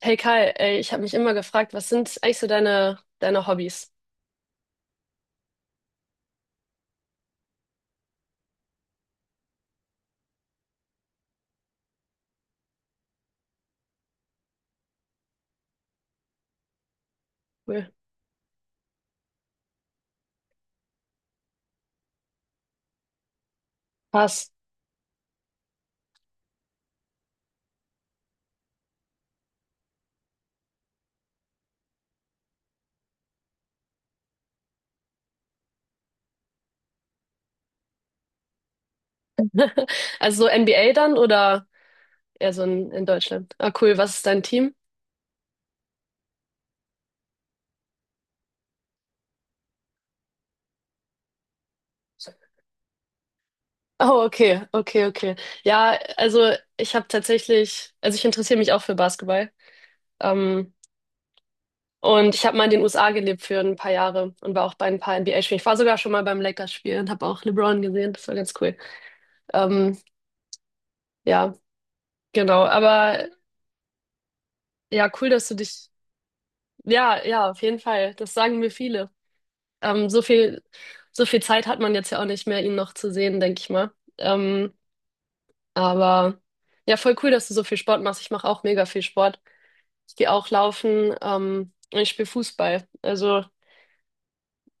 Hey Kai, ey, ich habe mich immer gefragt, was sind eigentlich so deine Hobbys? Cool. Pass. Also so NBA dann oder eher so in Deutschland? Ah, cool. Was ist dein Team? Oh, okay, okay, okay. Ja, also ich habe tatsächlich, also ich interessiere mich auch für Basketball. Ähm, und ich habe mal in den USA gelebt für ein paar Jahre und war auch bei ein paar NBA-Spielen. Ich war sogar schon mal beim Lakers-Spiel und habe auch LeBron gesehen. Das war ganz cool. Ähm, ja, genau. Aber ja, cool, dass du dich. Ja, ja, auf jeden Fall. Das sagen mir viele. Ähm, so viel, so viel Zeit hat man jetzt ja auch nicht mehr, ihn noch zu sehen, denke ich mal. Ähm, aber ja, voll cool, dass du so viel Sport machst. Ich mache auch mega viel Sport. Ich gehe auch laufen, und ich spiele Fußball. Also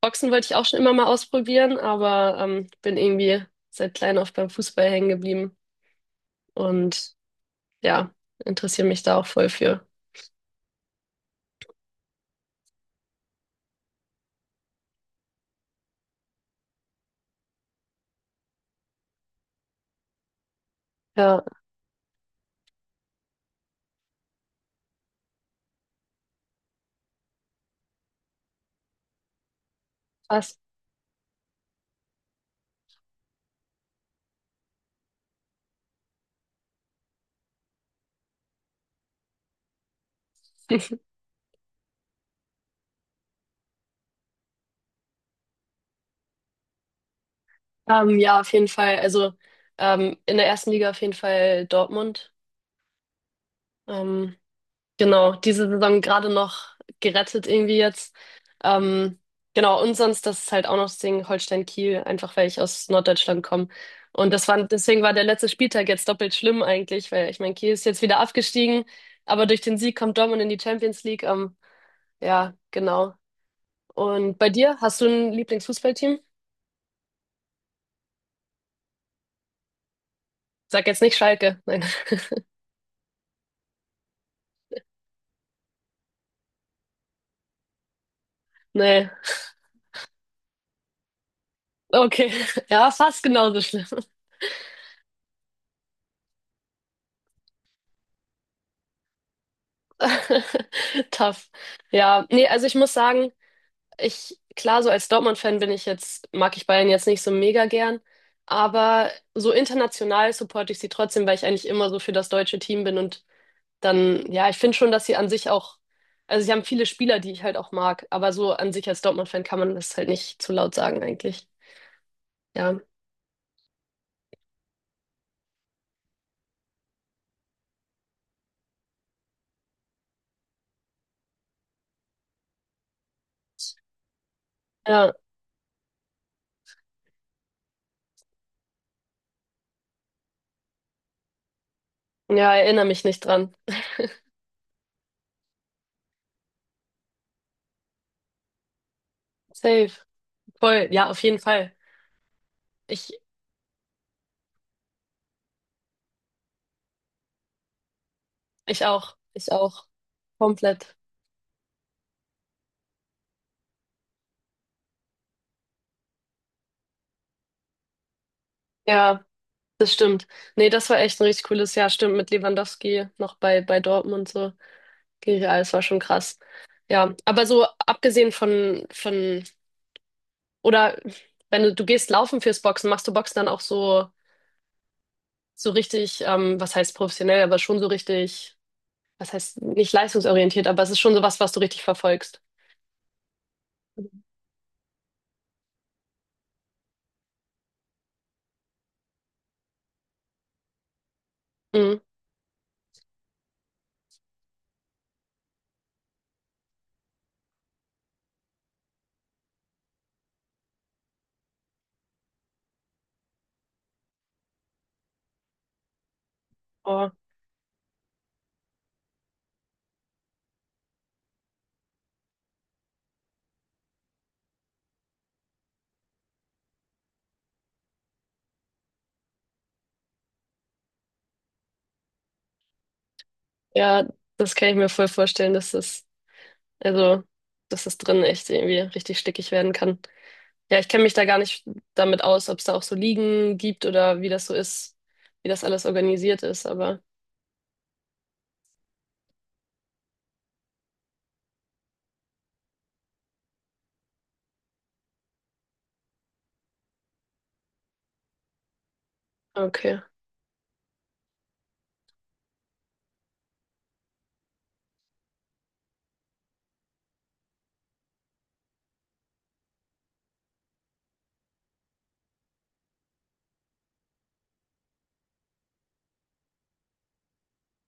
Boxen wollte ich auch schon immer mal ausprobieren, aber bin irgendwie seit klein auf beim Fußball hängen geblieben. Und ja, interessiere mich da auch voll für. Ja, was? Ja, auf jeden Fall. Also in der ersten Liga auf jeden Fall Dortmund. Ähm, genau, diese Saison gerade noch gerettet irgendwie jetzt. Ähm, genau, und sonst, das ist halt auch noch das Ding Holstein-Kiel, einfach weil ich aus Norddeutschland komme. Und das war, deswegen war der letzte Spieltag jetzt doppelt schlimm eigentlich, weil ich meine, Kiel ist jetzt wieder abgestiegen, aber durch den Sieg kommt Dortmund in die Champions League. Ja, genau. Und bei dir, hast du ein Lieblingsfußballteam? Sag jetzt nicht Schalke. Nein. Nee. Okay. Ja, fast genauso schlimm. Tough. Ja, nee, also ich muss sagen, ich, klar, so als Dortmund-Fan bin ich jetzt, mag ich Bayern jetzt nicht so mega gern, aber so international supporte ich sie trotzdem, weil ich eigentlich immer so für das deutsche Team bin und dann, ja, ich finde schon, dass sie an sich auch, also sie haben viele Spieler, die ich halt auch mag, aber so an sich als Dortmund-Fan kann man das halt nicht zu laut sagen eigentlich. Ja, ja, ja, erinnere mich nicht dran. Safe. Voll, ja, auf jeden Fall. Ich, ich auch, ich auch. Komplett. Ja. Das stimmt. Nee, das war echt ein richtig cooles Jahr. Stimmt, mit Lewandowski noch bei Dortmund und so. Gegen Real, das war schon krass. Ja, aber so abgesehen von, oder wenn du gehst laufen fürs Boxen, machst du Boxen dann auch so, so richtig, was heißt professionell, aber schon so richtig, was heißt nicht leistungsorientiert, aber es ist schon so was, was du richtig verfolgst. Mhm. Oh, ja, das kann ich mir voll vorstellen, dass das, also, dass das drin echt irgendwie richtig stickig werden kann. Ja, ich kenne mich da gar nicht damit aus, ob es da auch so Ligen gibt oder wie das so ist, wie das alles organisiert ist, aber okay.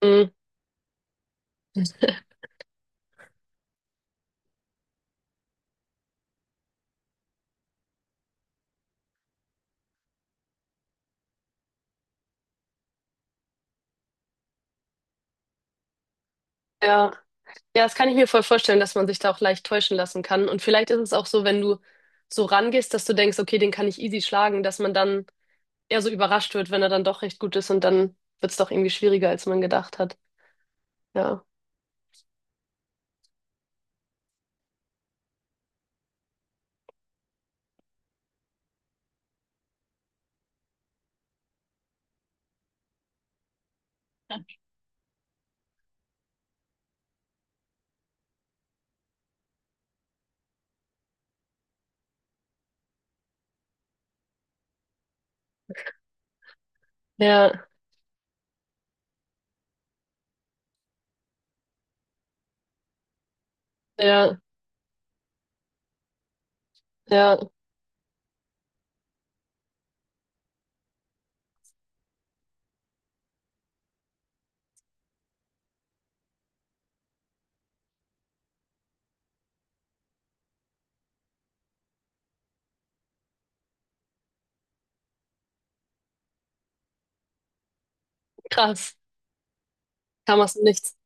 Hm, ja. Ja, das kann ich mir voll vorstellen, dass man sich da auch leicht täuschen lassen kann. Und vielleicht ist es auch so, wenn du so rangehst, dass du denkst, okay, den kann ich easy schlagen, dass man dann eher so überrascht wird, wenn er dann doch recht gut ist und dann wird es doch irgendwie schwieriger, als man gedacht hat. Ja. Ja, ja, ja. Krass. Kam aus dem Nichts.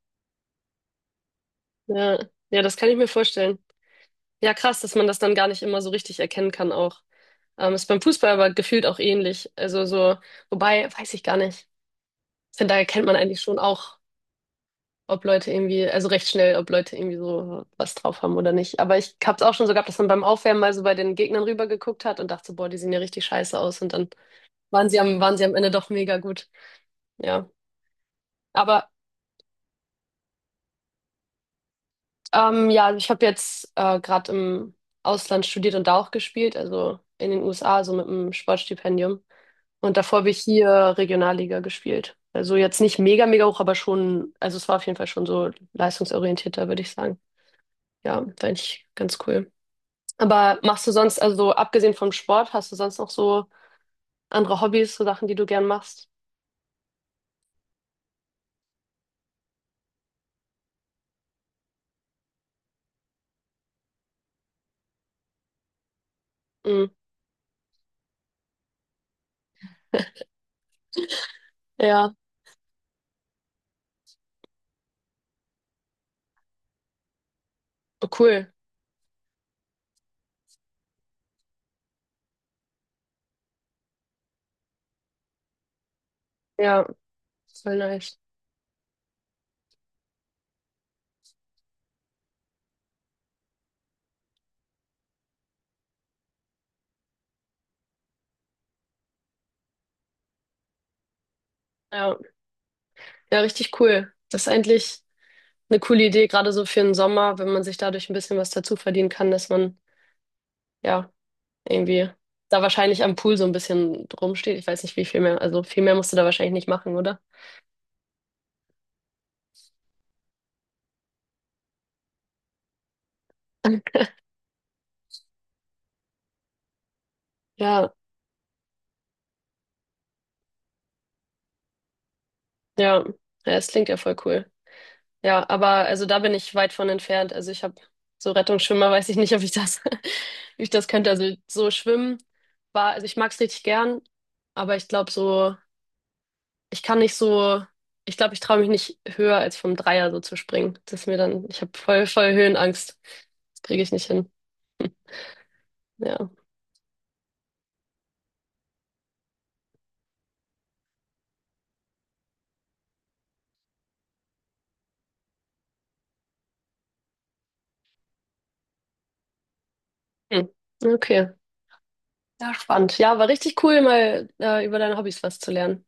Ja. Ja, das kann ich mir vorstellen. Ja, krass, dass man das dann gar nicht immer so richtig erkennen kann auch. Ist beim Fußball aber gefühlt auch ähnlich. Also so, wobei, weiß ich gar nicht. Ich finde, da erkennt man eigentlich schon auch, ob Leute irgendwie, also recht schnell, ob Leute irgendwie so was drauf haben oder nicht. Aber ich habe es auch schon so gehabt, dass man beim Aufwärmen mal so bei den Gegnern rüber geguckt hat und dachte so, boah, die sehen ja richtig scheiße aus. Und dann waren sie am Ende doch mega gut. Ja. Aber ja, also ich habe jetzt gerade im Ausland studiert und da auch gespielt, also in den USA, so mit einem Sportstipendium. Und davor habe ich hier Regionalliga gespielt. Also jetzt nicht mega hoch, aber schon, also es war auf jeden Fall schon so leistungsorientierter, würde ich sagen. Ja, fand ich ganz cool. Aber machst du sonst, also abgesehen vom Sport, hast du sonst noch so andere Hobbys, so Sachen, die du gern machst? Mhm. Ja, oh, cool. Ja, voll nice. Ja, ja, richtig cool. Das ist eigentlich eine coole Idee, gerade so für den Sommer, wenn man sich dadurch ein bisschen was dazu verdienen kann, dass man ja irgendwie da wahrscheinlich am Pool so ein bisschen rumsteht. Ich weiß nicht, wie viel mehr, also viel mehr musst du da wahrscheinlich nicht machen, oder? Ja, ja, ja, es klingt ja voll cool. Ja, aber also da bin ich weit von entfernt. Also ich habe so Rettungsschwimmer, weiß ich nicht, ob ich das, ob ich das könnte. Also so schwimmen war, also ich mag es richtig gern, aber ich glaube so. Ich kann nicht so, ich glaube, ich traue mich nicht höher als vom Dreier so zu springen. Das ist mir dann, ich habe voll Höhenangst. Das kriege ich nicht hin. Ja. Hm. Okay. Ja, spannend. Ja, war richtig cool, mal über deine Hobbys was zu lernen.